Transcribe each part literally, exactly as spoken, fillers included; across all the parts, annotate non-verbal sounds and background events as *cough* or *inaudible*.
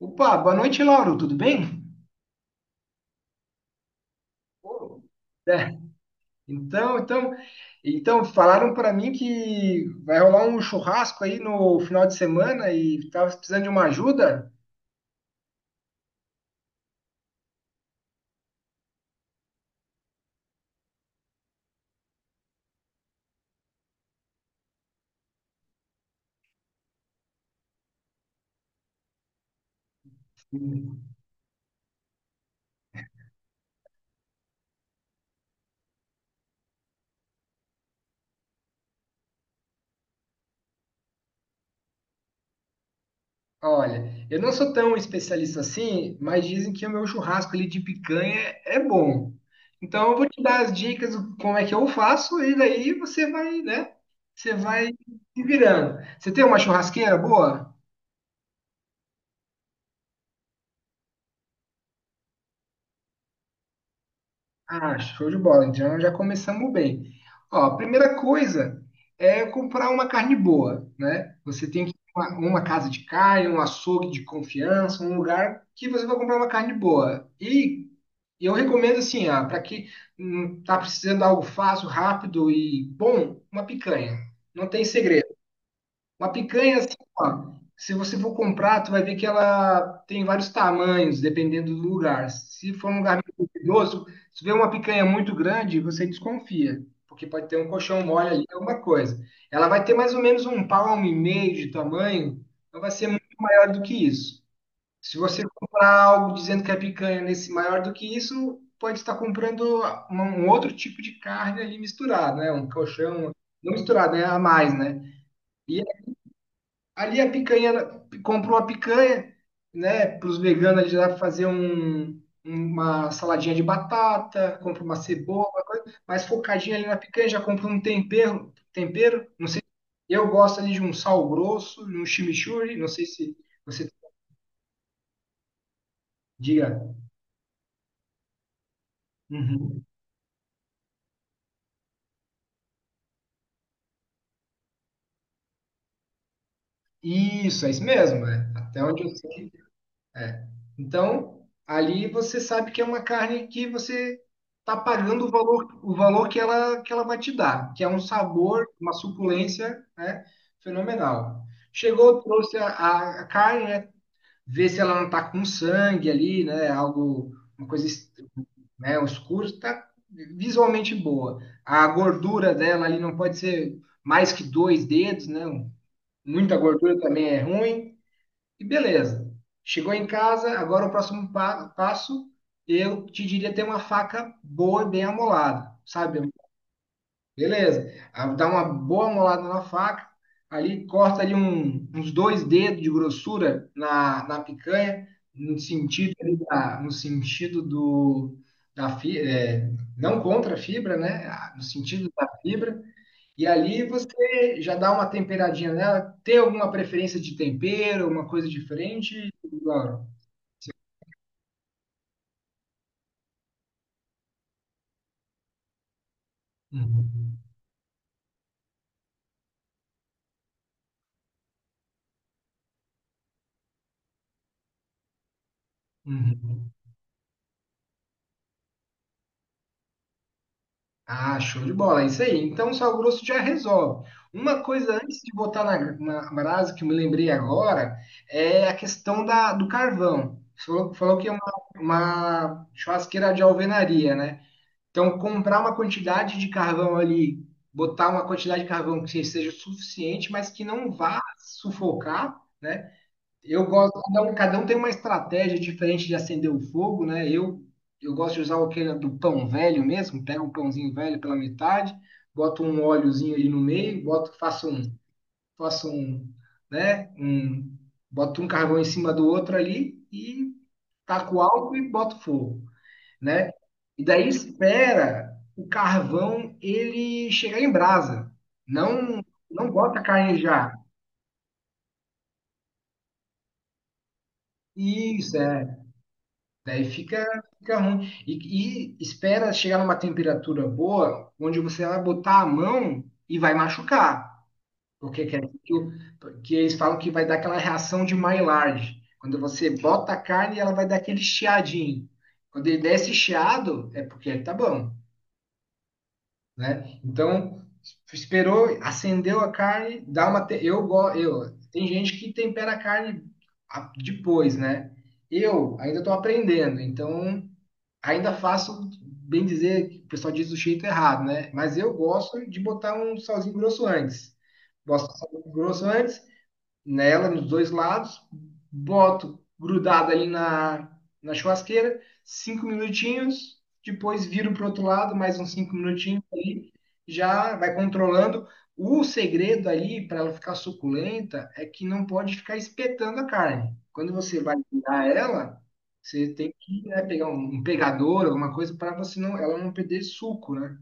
Opa, boa noite, Lauro. Tudo bem? Pô. É. Então, então, então falaram para mim que vai rolar um churrasco aí no final de semana e tava precisando de uma ajuda. Olha, eu não sou tão especialista assim, mas dizem que o meu churrasco ali de picanha é bom. Então eu vou te dar as dicas do como é que eu faço e daí você vai, né? Você vai se virando. Você tem uma churrasqueira boa? Ah, show de bola. Então já começamos bem. Ó, a primeira coisa é comprar uma carne boa, né? Você tem que ir a uma, uma casa de carne, um açougue de confiança, um lugar que você vai comprar uma carne boa. E eu recomendo assim, ah, para quem hum, tá precisando de algo fácil, rápido e bom, uma picanha. Não tem segredo. Uma picanha, assim, ó, se você for comprar, tu vai ver que ela tem vários tamanhos, dependendo do lugar. Se for um lugar muito perigoso, se vê uma picanha muito grande, você desconfia, porque pode ter um colchão mole ali, alguma coisa. Ela vai ter mais ou menos um palmo e meio de tamanho, não vai ser muito maior do que isso. Se você comprar algo dizendo que é picanha nesse maior do que isso, pode estar comprando uma- um outro tipo de carne ali misturado, né? Um colchão, não misturado, né? A mais, né? Ali a picanha, comprou a picanha, né, para os veganos ali lá fazer um, uma saladinha de batata, compra uma cebola, uma coisa, mas focadinha ali na picanha, já compra um tempero, tempero, não sei, eu gosto ali de um sal grosso, de um chimichurri, não sei se você diga. Uhum. Isso, é isso mesmo, é. Até onde eu sei. É. Então, ali você sabe que é uma carne que você está pagando o valor, o valor que ela, que ela vai te dar, que é um sabor, uma suculência, né, fenomenal. Chegou, trouxe a, a- a carne, né, vê se ela não está com sangue ali, né, algo, uma coisa, es- né, escura, está visualmente boa. A gordura dela ali não pode ser mais que dois dedos, né, muita gordura também é ruim. E beleza. Chegou em casa, agora o próximo pa- passo, eu te diria ter uma faca boa e bem amolada, sabe? Beleza. Ah, dá uma boa molada na faca, ali corta ali um- uns dois dedos de grossura na, na picanha, no sentido ali da, no sentido do da fi- é, não contra a fibra, né? Ah, no sentido da fibra. E ali você já dá uma temperadinha nela. Tem alguma preferência de tempero, alguma coisa diferente, Laura? Uhum. Uhum. Ah, show de bola, é isso aí. Então, o sal grosso já resolve. Uma coisa antes de botar na, na brasa que eu me lembrei agora é a questão da, do carvão. Você falou, falou que é uma, uma churrasqueira de alvenaria, né? Então, comprar uma quantidade de carvão ali, botar uma quantidade de carvão que seja suficiente, mas que não vá sufocar, né? Eu gosto, cada um, cada um tem uma estratégia diferente de acender o fogo, né? Eu, eu gosto de usar aquele do pão velho mesmo, pego um pãozinho velho pela metade, boto um óleozinho ali no meio, boto, faço um, faço um, né? Um, boto um carvão em cima do outro ali e taco álcool e boto fogo, né? E daí espera o carvão ele chegar em brasa. Não, não bota a carne já. Isso, é. Daí fica, fica ruim. E, e espera chegar numa temperatura boa, onde você vai botar a mão e vai machucar. Porque que, que o- que eles falam que vai dar aquela reação de Maillard. Quando você bota a carne, ela vai dar aquele chiadinho. Quando ele der esse chiado, é porque ele tá bom, né? Então, esperou, acendeu a carne. Dá uma... te- Eu, go- eu, Tem gente que tempera a carne a- depois, né? Eu ainda estou aprendendo, então ainda faço, bem dizer, que o pessoal diz do jeito errado, né? Mas eu gosto de botar um salzinho grosso antes. Gosto de salzinho grosso antes, nela, nos dois lados, boto grudado ali na, na churrasqueira, cinco minutinhos, depois viro para o outro lado, mais uns cinco minutinhos ali, já vai controlando. O segredo ali para ela ficar suculenta é que não pode ficar espetando a carne. Quando você vai tirar ela, você tem que, né, pegar um, um, pegador, alguma coisa para você não, ela não perder suco, né?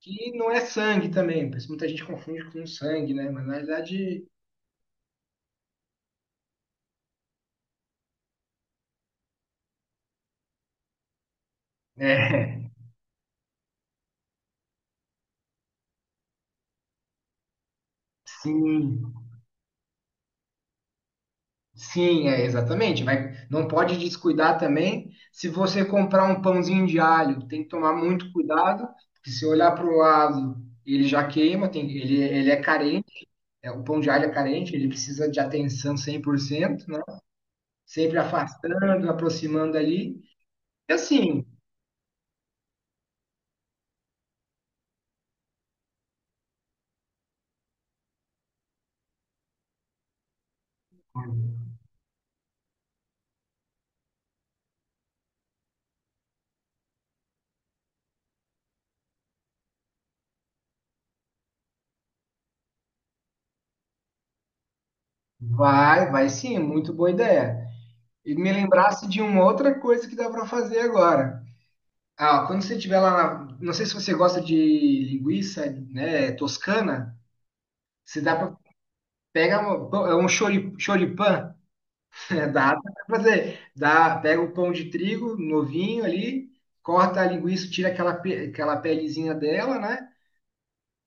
Que não é sangue também, pois muita gente confunde com sangue, né? Mas na verdade, é, sim, sim, é exatamente. Vai, não pode descuidar também. Se você comprar um pãozinho de alho, tem que tomar muito cuidado, porque se olhar para o lado, ele já queima, tem, ele, ele é carente, é, o pão de alho é carente, ele precisa de atenção cem por cento, né? Sempre afastando, aproximando ali. E assim, vai, vai sim, muito boa ideia. E me lembrasse de uma outra coisa que dá para fazer agora. Ah, ó, quando você estiver lá, na- não sei se você gosta de linguiça, né, toscana, se dá para pega um, pão- é um chori- choripan, *laughs* né, dá para fazer, dá, pega o pão de trigo novinho ali, corta a linguiça, tira aquela pe- aquela pelezinha dela, né?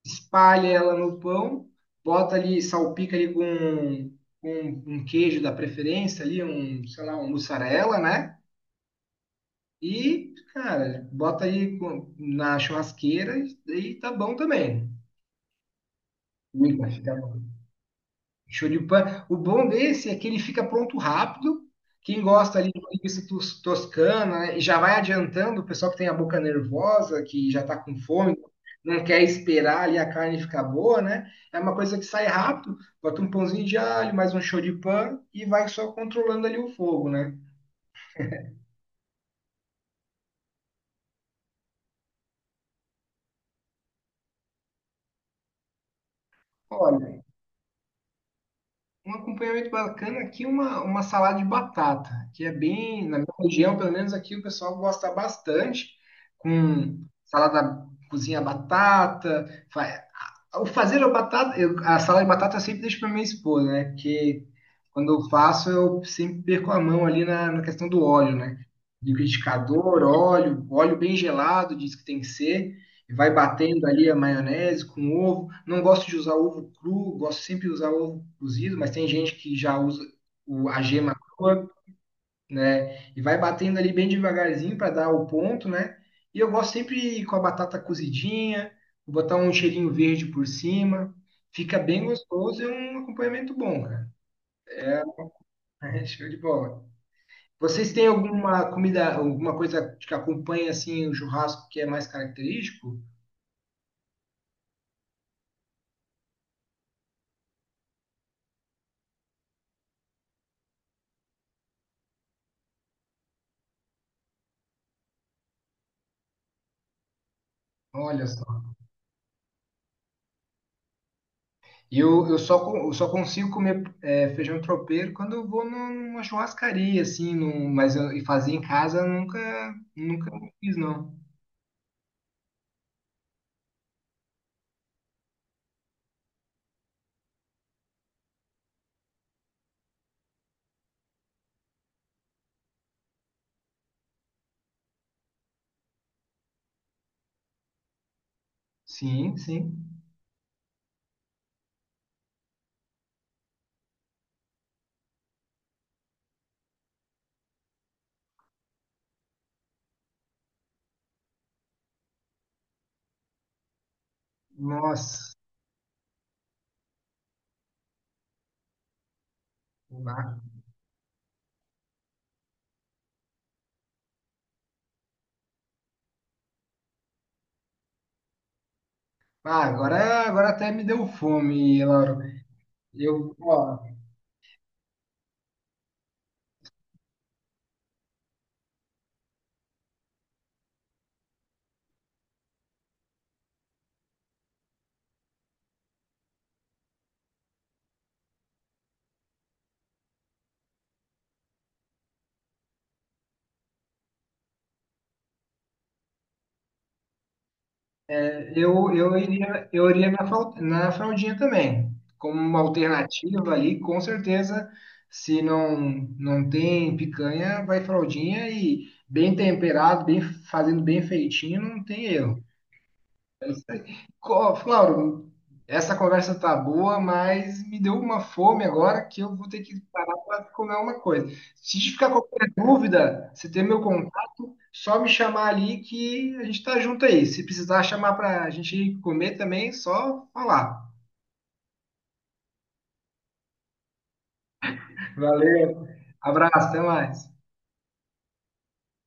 Espalha ela no pão, bota ali, salpica ali com, com um queijo da preferência ali, um, sei lá, um mussarela, né? E, cara, bota aí com- na churrasqueira e e tá bom também. Fica, fica bom. Show de pan. O bom desse é que ele fica pronto rápido. Quem gosta ali de linguiça tos- toscana, né, e já vai adiantando o pessoal que tem a boca nervosa, que já está com fome, não quer esperar ali a carne ficar boa, né? É uma coisa que sai rápido, bota um pãozinho de alho, mais um show de pan e vai só controlando ali o fogo, né? Olha, um acompanhamento bacana aqui, uma, uma salada de batata, que é bem, na minha região, pelo menos aqui, o pessoal gosta bastante, com salada, cozinha batata, fa- o fazer a batata, eu- a salada de batata eu sempre deixo para minha esposa, né? Porque quando eu faço, eu sempre perco a mão ali na, na questão do óleo, né? Liquidificador, óleo, óleo bem gelado, diz que tem que ser, e vai batendo ali a maionese com ovo. Não gosto de usar ovo cru, gosto sempre de usar ovo cozido, mas tem gente que já usa o, a gema crua, né? E vai batendo ali bem devagarzinho para dar o ponto, né? E eu gosto sempre com a batata cozidinha, vou botar um cheirinho verde por cima. Fica bem gostoso e um acompanhamento bom, cara. É, show de bola. Vocês têm alguma comida, alguma coisa que acompanha assim o churrasco que é mais característico? Olha só. Eu, eu só, co- eu só consigo comer é, feijão tropeiro quando eu vou num- numa churrascaria, assim, num, mas eu, e fazer em casa eu nunca, nunca fiz, não. Sim, sim. Nossa, lá. ah, agora, agora até me deu fome, Lauro. Eu, ó, eu, eu iria, eu iria na, fal- na fraldinha também, como uma alternativa ali, com certeza. Se não, não tem picanha, vai fraldinha e bem temperado, bem fazendo bem feitinho, não tem erro. Co- Flauro, essa conversa tá boa, mas me deu uma fome agora que eu vou ter que parar para comer uma coisa. Se ficar qualquer dúvida, você tem meu contato, só me chamar ali que a gente tá junto aí. Se precisar chamar para a gente ir comer também, só falar. Valeu, abraço, até mais.